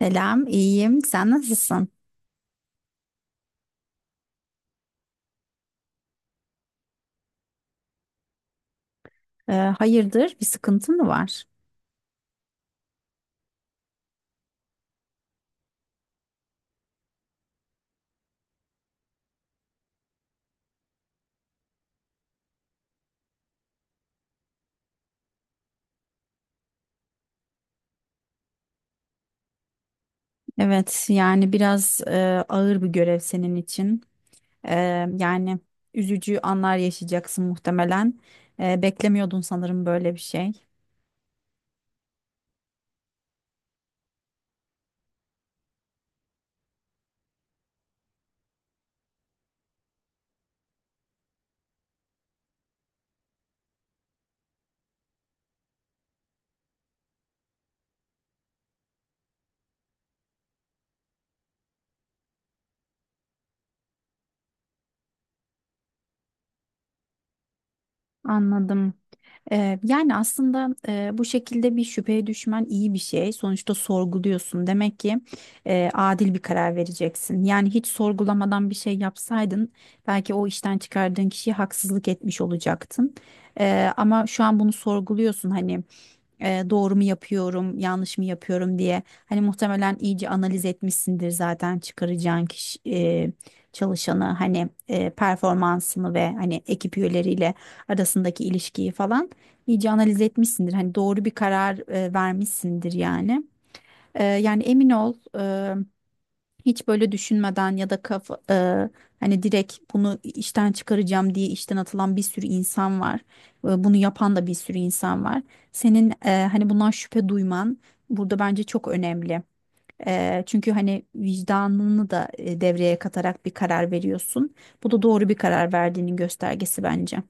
Selam, iyiyim. Sen nasılsın? Hayırdır, bir sıkıntın mı var? Evet, yani biraz ağır bir görev senin için. Ee, Yani üzücü anlar yaşayacaksın muhtemelen. Beklemiyordun sanırım böyle bir şey. Anladım. Yani aslında bu şekilde bir şüpheye düşmen iyi bir şey. Sonuçta sorguluyorsun. Demek ki adil bir karar vereceksin. Yani hiç sorgulamadan bir şey yapsaydın belki o işten çıkardığın kişiye haksızlık etmiş olacaktın. Ama şu an bunu sorguluyorsun, hani doğru mu yapıyorum, yanlış mı yapıyorum diye. Hani muhtemelen iyice analiz etmişsindir zaten çıkaracağın kişi, çalışanı, hani performansını ve hani ekip üyeleriyle arasındaki ilişkiyi falan iyice analiz etmişsindir. Hani doğru bir karar vermişsindir yani. Yani emin ol, hiç böyle düşünmeden ya da hani direkt bunu işten çıkaracağım diye işten atılan bir sürü insan var. Bunu yapan da bir sürü insan var. Senin hani bundan şüphe duyman burada bence çok önemli. Çünkü hani vicdanını da devreye katarak bir karar veriyorsun. Bu da doğru bir karar verdiğinin göstergesi bence.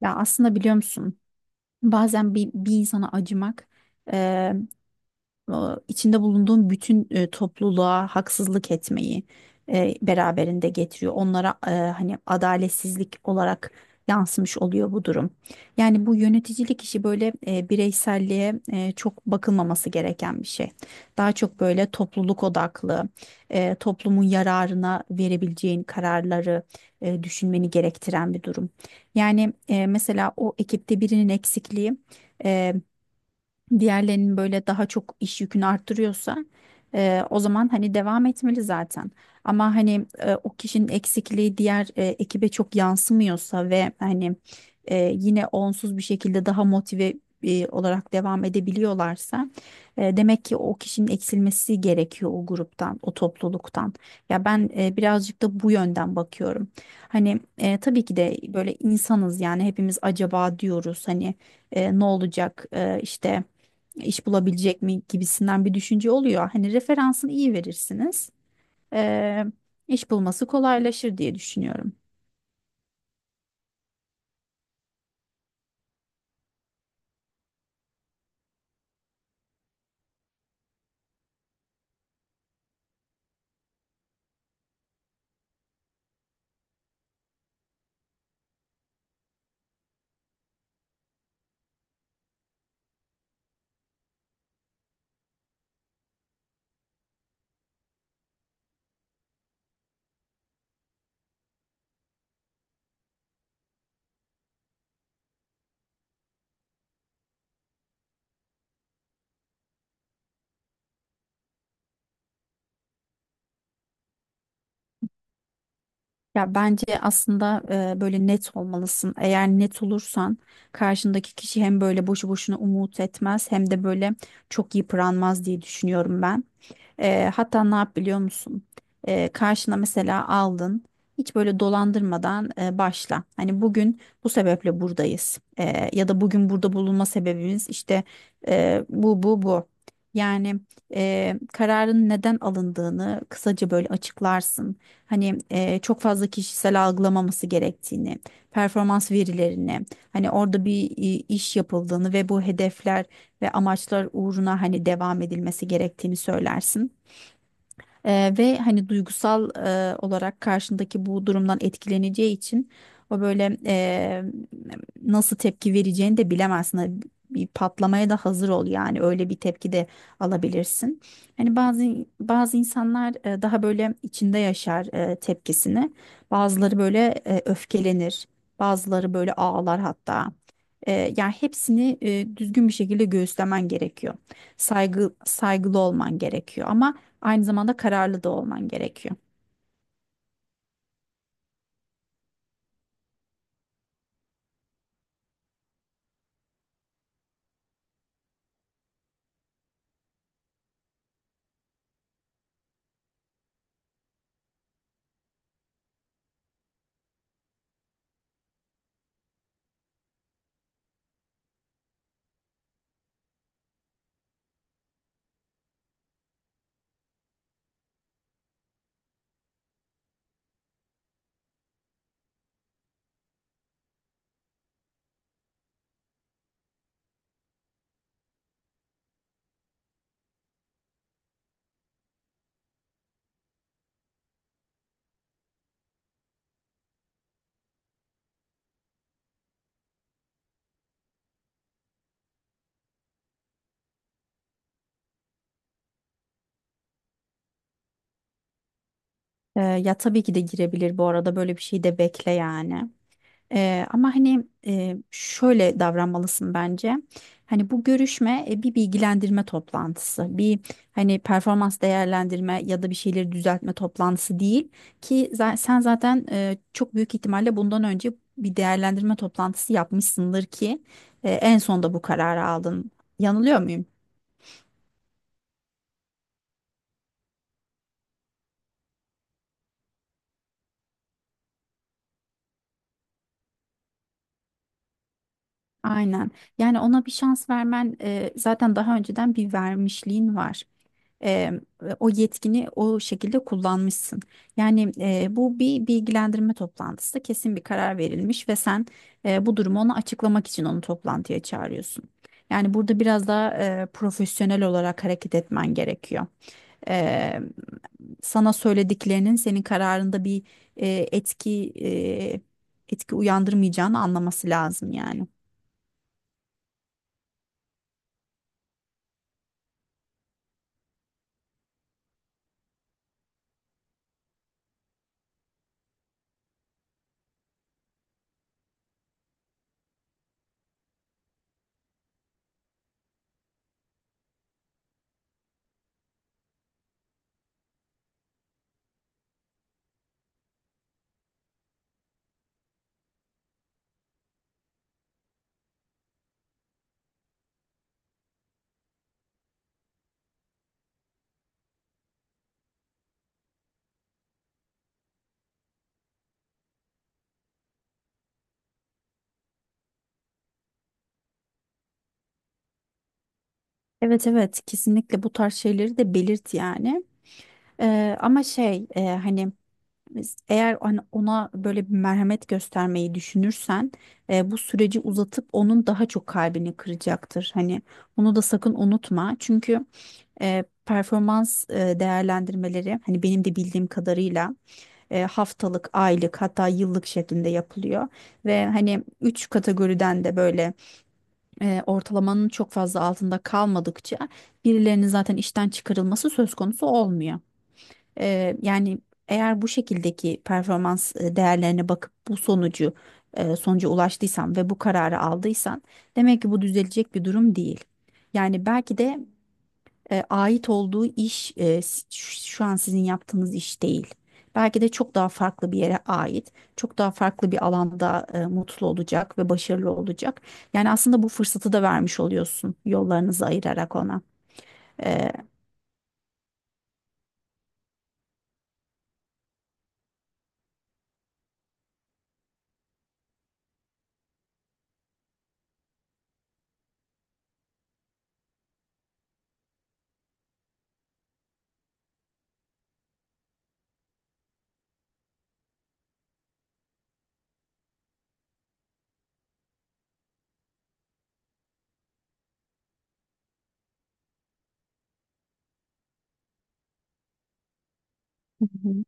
Ya aslında biliyor musun? Bazen bir insana acımak, e, e, içinde bulunduğun bütün topluluğa haksızlık etmeyi beraberinde getiriyor. Onlara hani adaletsizlik olarak yansımış oluyor bu durum. Yani bu yöneticilik işi böyle bireyselliğe çok bakılmaması gereken bir şey. Daha çok böyle topluluk odaklı, toplumun yararına verebileceğin kararları düşünmeni gerektiren bir durum. Yani mesela o ekipte birinin eksikliği e, diğerlerinin böyle daha çok iş yükünü arttırıyorsa, o zaman hani devam etmeli zaten. Ama hani o kişinin eksikliği diğer ekibe çok yansımıyorsa ve hani yine onsuz bir şekilde daha motive olarak devam edebiliyorlarsa, demek ki o kişinin eksilmesi gerekiyor o gruptan, o topluluktan. Ya ben birazcık da bu yönden bakıyorum. Hani tabii ki de böyle insanız, yani hepimiz acaba diyoruz, hani ne olacak, işte iş bulabilecek mi gibisinden bir düşünce oluyor. Hani referansını iyi verirsiniz. Eee iş bulması kolaylaşır diye düşünüyorum. Ya bence aslında böyle net olmalısın. Eğer net olursan karşındaki kişi hem böyle boşu boşuna umut etmez hem de böyle çok yıpranmaz diye düşünüyorum ben. Hatta ne yap biliyor musun? Karşına mesela aldın. Hiç böyle dolandırmadan başla. Hani bugün bu sebeple buradayız. Ya da bugün burada bulunma sebebimiz işte bu bu bu. Yani kararın neden alındığını kısaca böyle açıklarsın. Hani çok fazla kişisel algılamaması gerektiğini, performans verilerini, hani orada bir iş yapıldığını ve bu hedefler ve amaçlar uğruna hani devam edilmesi gerektiğini söylersin. Ve hani duygusal olarak karşındaki bu durumdan etkileneceği için o böyle nasıl tepki vereceğini de bilemezsin. Hani bir patlamaya da hazır ol, yani öyle bir tepki de alabilirsin. Hani bazı insanlar daha böyle içinde yaşar tepkisini. Bazıları böyle öfkelenir. Bazıları böyle ağlar hatta. Yani hepsini düzgün bir şekilde göğüslemen gerekiyor. Saygılı olman gerekiyor, ama aynı zamanda kararlı da olman gerekiyor. Ya tabii ki de girebilir, bu arada böyle bir şey de bekle yani. Ama hani şöyle davranmalısın bence. Hani bu görüşme bir bilgilendirme toplantısı, bir hani performans değerlendirme ya da bir şeyleri düzeltme toplantısı değil ki sen zaten çok büyük ihtimalle bundan önce bir değerlendirme toplantısı yapmışsındır ki en sonda bu kararı aldın. Yanılıyor muyum? Aynen. Yani ona bir şans vermen zaten daha önceden bir vermişliğin var. e, O yetkini o şekilde kullanmışsın. Yani bu bir bilgilendirme toplantısı, kesin bir karar verilmiş ve sen bu durumu ona açıklamak için onu toplantıya çağırıyorsun. Yani burada biraz daha profesyonel olarak hareket etmen gerekiyor. E, Sana söylediklerinin senin kararında bir e, etki e, etki uyandırmayacağını anlaması lazım yani. Evet evet, kesinlikle bu tarz şeyleri de belirt yani. Ama şey, hani eğer hani ona böyle bir merhamet göstermeyi düşünürsen bu süreci uzatıp onun daha çok kalbini kıracaktır. Hani onu da sakın unutma. Çünkü performans değerlendirmeleri, hani benim de bildiğim kadarıyla, haftalık, aylık, hatta yıllık şeklinde yapılıyor. Ve hani üç kategoriden de böyle ortalamanın çok fazla altında kalmadıkça birilerinin zaten işten çıkarılması söz konusu olmuyor. Yani eğer bu şekildeki performans değerlerine bakıp bu sonucu sonuca ulaştıysan ve bu kararı aldıysan, demek ki bu düzelecek bir durum değil. Yani belki de ait olduğu iş, şu an sizin yaptığınız iş değil. Belki de çok daha farklı bir yere ait, çok daha farklı bir alanda mutlu olacak ve başarılı olacak. Yani aslında bu fırsatı da vermiş oluyorsun yollarınızı ayırarak ona. E, Hı hı.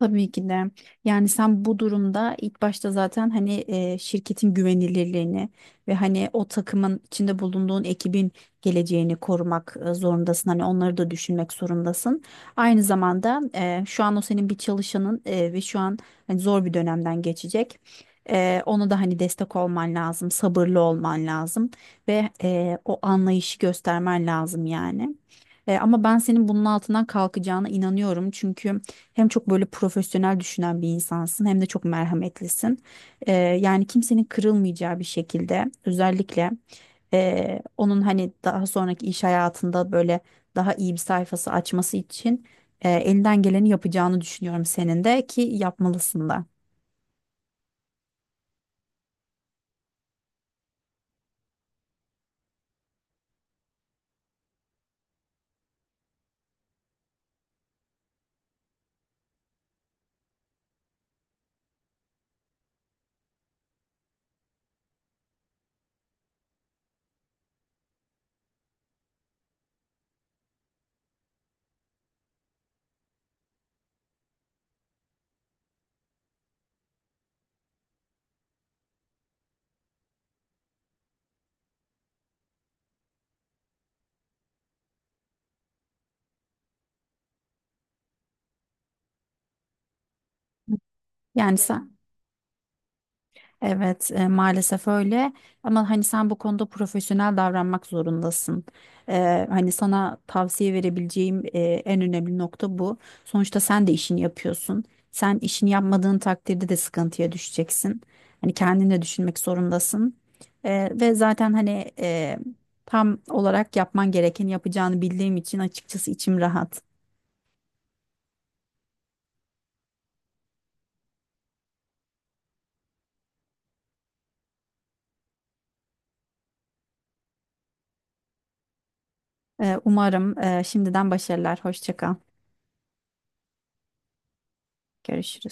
Tabii ki de. Yani sen bu durumda ilk başta zaten hani şirketin güvenilirliğini ve hani o takımın içinde bulunduğun ekibin geleceğini korumak zorundasın. Hani onları da düşünmek zorundasın. Aynı zamanda şu an o senin bir çalışanın ve şu an hani zor bir dönemden geçecek. Ona da hani destek olman lazım, sabırlı olman lazım ve o anlayışı göstermen lazım yani. Ama ben senin bunun altından kalkacağına inanıyorum çünkü. Hem çok böyle profesyonel düşünen bir insansın hem de çok merhametlisin. Yani kimsenin kırılmayacağı bir şekilde, özellikle onun hani daha sonraki iş hayatında böyle daha iyi bir sayfası açması için elinden geleni yapacağını düşünüyorum, senin de ki yapmalısın da. Yani sen evet, maalesef öyle. Ama hani sen bu konuda profesyonel davranmak zorundasın. Hani sana tavsiye verebileceğim en önemli nokta bu. Sonuçta sen de işini yapıyorsun. Sen işini yapmadığın takdirde de sıkıntıya düşeceksin. Hani kendini de düşünmek zorundasın. Ve zaten hani tam olarak yapman gerekeni yapacağını bildiğim için açıkçası içim rahat. Umarım şimdiden başarılar. Hoşça kal. Görüşürüz.